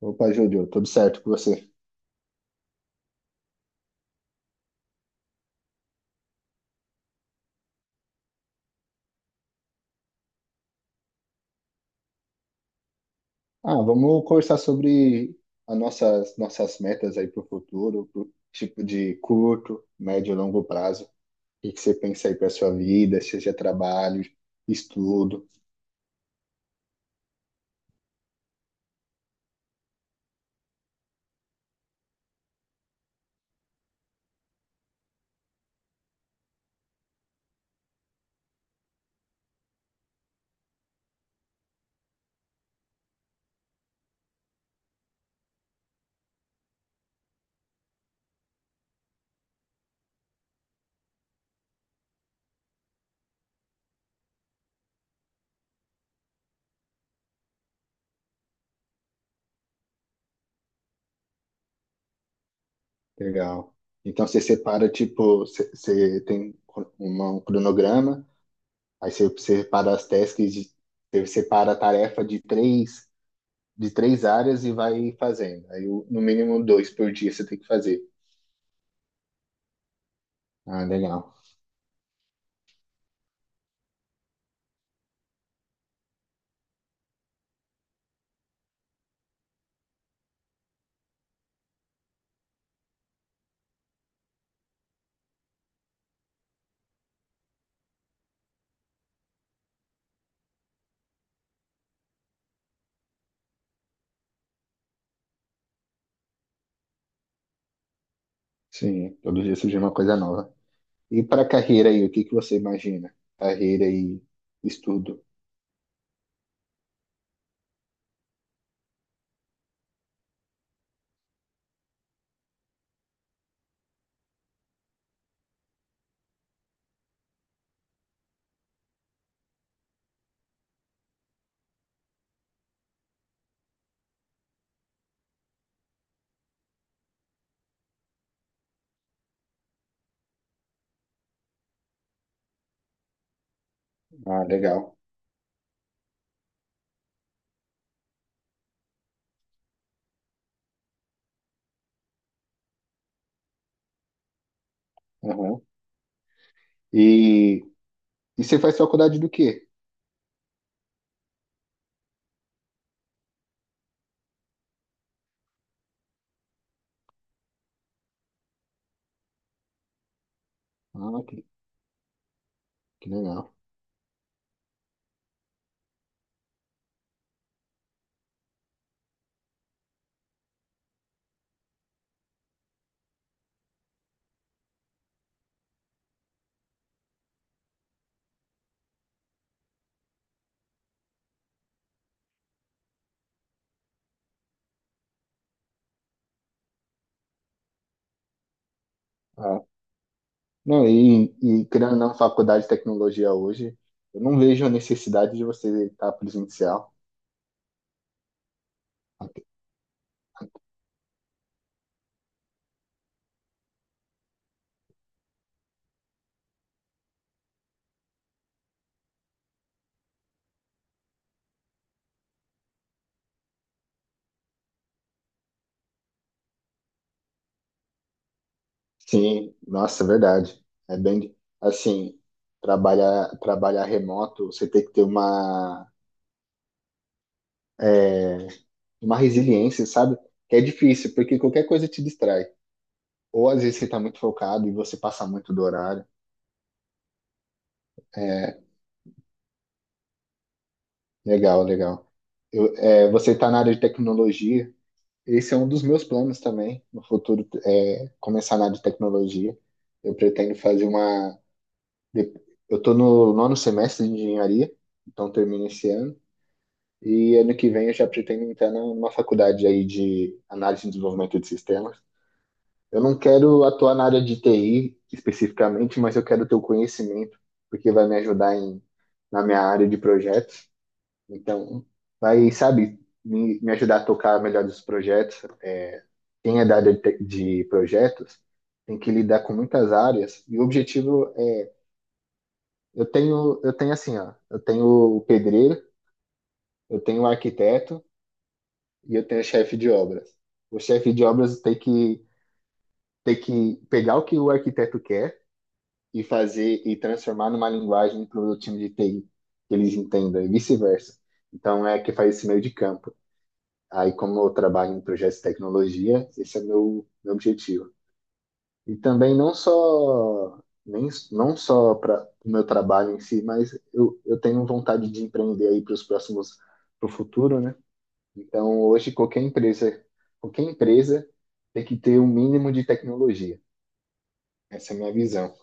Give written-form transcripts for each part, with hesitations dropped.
Opa, Júlio, tudo certo com você? Ah, vamos conversar sobre as nossas metas aí para o futuro, pro tipo de curto, médio e longo prazo. O que que você pensa aí para sua vida, seja trabalho, estudo. Legal. Então você separa, tipo, você tem um cronograma, aí você separa as tasks, você separa a tarefa de três áreas e vai fazendo. Aí no mínimo dois por dia você tem que fazer. Ah, legal. Sim, todo dia surge uma coisa nova. E para carreira aí, o que que você imagina? Carreira e estudo. Ah, legal. Aham. E, e você faz faculdade do quê? Ah, que, que legal. Ah, não, e criando na faculdade de tecnologia hoje, eu não vejo a necessidade de você estar presencial. Sim, nossa, é verdade. É bem assim, trabalhar remoto, você tem que ter é, uma resiliência, sabe? Que é difícil, porque qualquer coisa te distrai. Ou às vezes você está muito focado e você passa muito do horário. É, legal, legal. Você está na área de tecnologia. Esse é um dos meus planos também no futuro, é começar na área de tecnologia. Eu pretendo de- eu estou no nono semestre de engenharia, então termino esse ano. E ano que vem eu já pretendo entrar numa faculdade aí de análise e desenvolvimento de sistemas. Eu não quero atuar na área de TI especificamente, mas eu quero ter o conhecimento, porque vai me ajudar na minha área de projetos. Então, vai, sabe, me ajudar a tocar melhor os projetos. É, quem é da área de projetos tem que lidar com muitas áreas. E o objetivo é, eu tenho assim, ó, eu tenho o pedreiro, eu tenho o arquiteto e eu tenho o chefe de obras. O chefe de obras tem que pegar o que o arquiteto quer e fazer e transformar numa linguagem para o time de TI que eles entendam e vice-versa. Então é que faz esse meio de campo. Aí como eu trabalho em projetos de tecnologia, esse é meu objetivo. E também não só para o meu trabalho em si, mas eu tenho vontade de empreender aí para os próximos para o futuro, né? Então hoje qualquer empresa tem que ter um mínimo de tecnologia. Essa é a minha visão.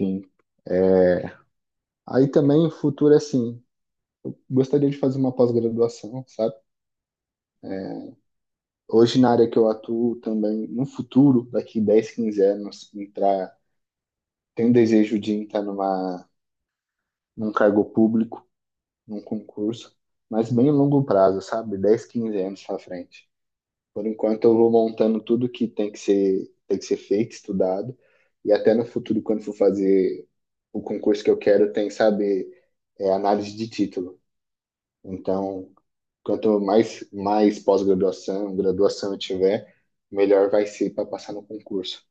Enfim, aí também o futuro é assim, gostaria de fazer uma pós-graduação, sabe? Hoje na área que eu atuo também, no futuro, daqui 10 15 anos, entrar, tenho um desejo de entrar num cargo público, num concurso, mas bem a longo prazo, sabe? 10 15 anos para frente. Por enquanto eu vou montando tudo que tem que ser feito, estudado, e até no futuro, quando for fazer o concurso que eu quero, tem, sabe, análise de título. Então, quanto mais pós-graduação, graduação eu tiver, melhor vai ser para passar no concurso.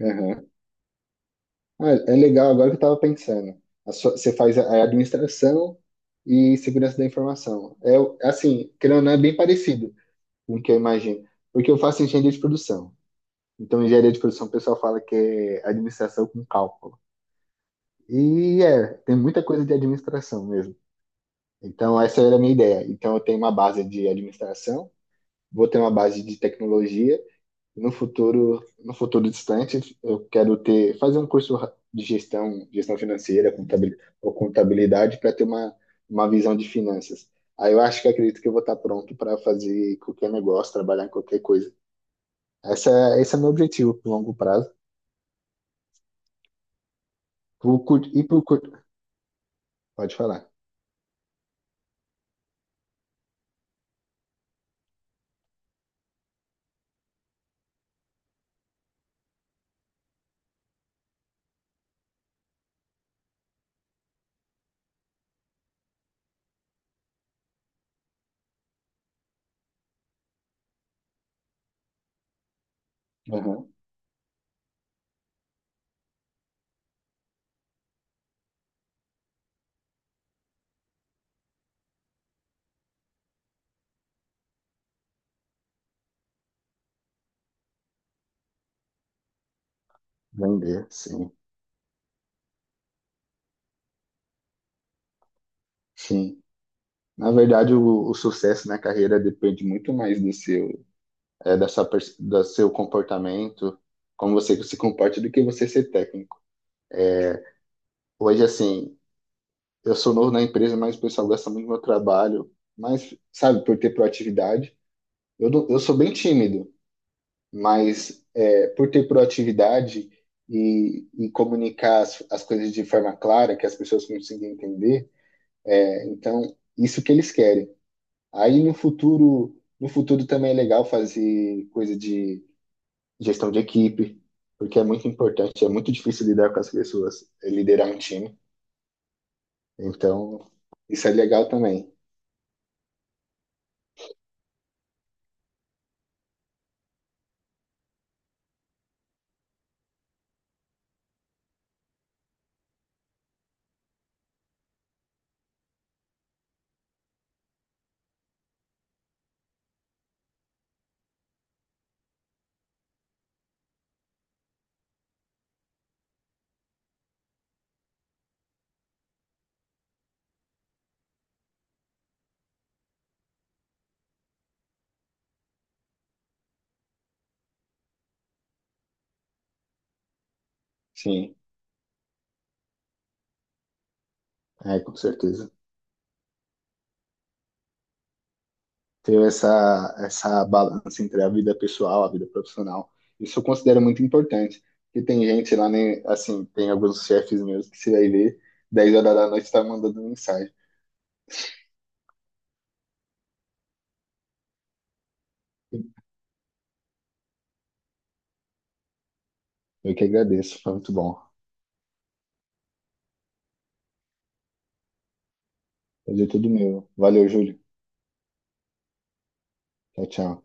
Aham. Ah, é legal, agora que eu estava pensando. Você faz a administração e segurança da informação. É assim, querendo ou não, é bem parecido com o que eu imagino. Porque eu faço engenharia de produção. Então, engenharia de produção, o pessoal fala que é administração com cálculo. E é, tem muita coisa de administração mesmo. Então, essa era a minha ideia. Então, eu tenho uma base de administração, vou ter uma base de tecnologia. No futuro, no futuro distante, eu quero fazer um curso de gestão, gestão financeira, ou contabilidade para ter uma visão de finanças. Aí eu acho que acredito que eu vou estar pronto para fazer qualquer negócio, trabalhar em qualquer coisa. Essa, esse é meu objetivo pro longo prazo. Pro curto, pode falar. Uhum. Vender, sim. Sim. Na verdade, o sucesso na carreira depende muito mais do seu, do seu comportamento, como você se comporta, do que você ser técnico. Hoje, assim, eu sou novo na empresa, mas o pessoal gosta muito do meu trabalho. Mas, sabe, por ter proatividade, eu, não- eu sou bem tímido, mas por ter proatividade e comunicar as coisas de forma clara, que as pessoas consigam entender, então, isso que eles querem. Aí, no futuro, no futuro também é legal fazer coisa de gestão de equipe, porque é muito importante, é muito difícil lidar com as pessoas, é liderar um time. Então, isso é legal também. Sim, com certeza. Ter essa balança entre a vida pessoal, a vida profissional, isso eu considero muito importante. E tem gente lá, né, assim, tem alguns chefes meus que você vai ver, 10 horas da noite tá mandando mensagem. Eu que agradeço, foi muito bom. Fazer tudo meu. Valeu, Júlio. Tchau, tchau.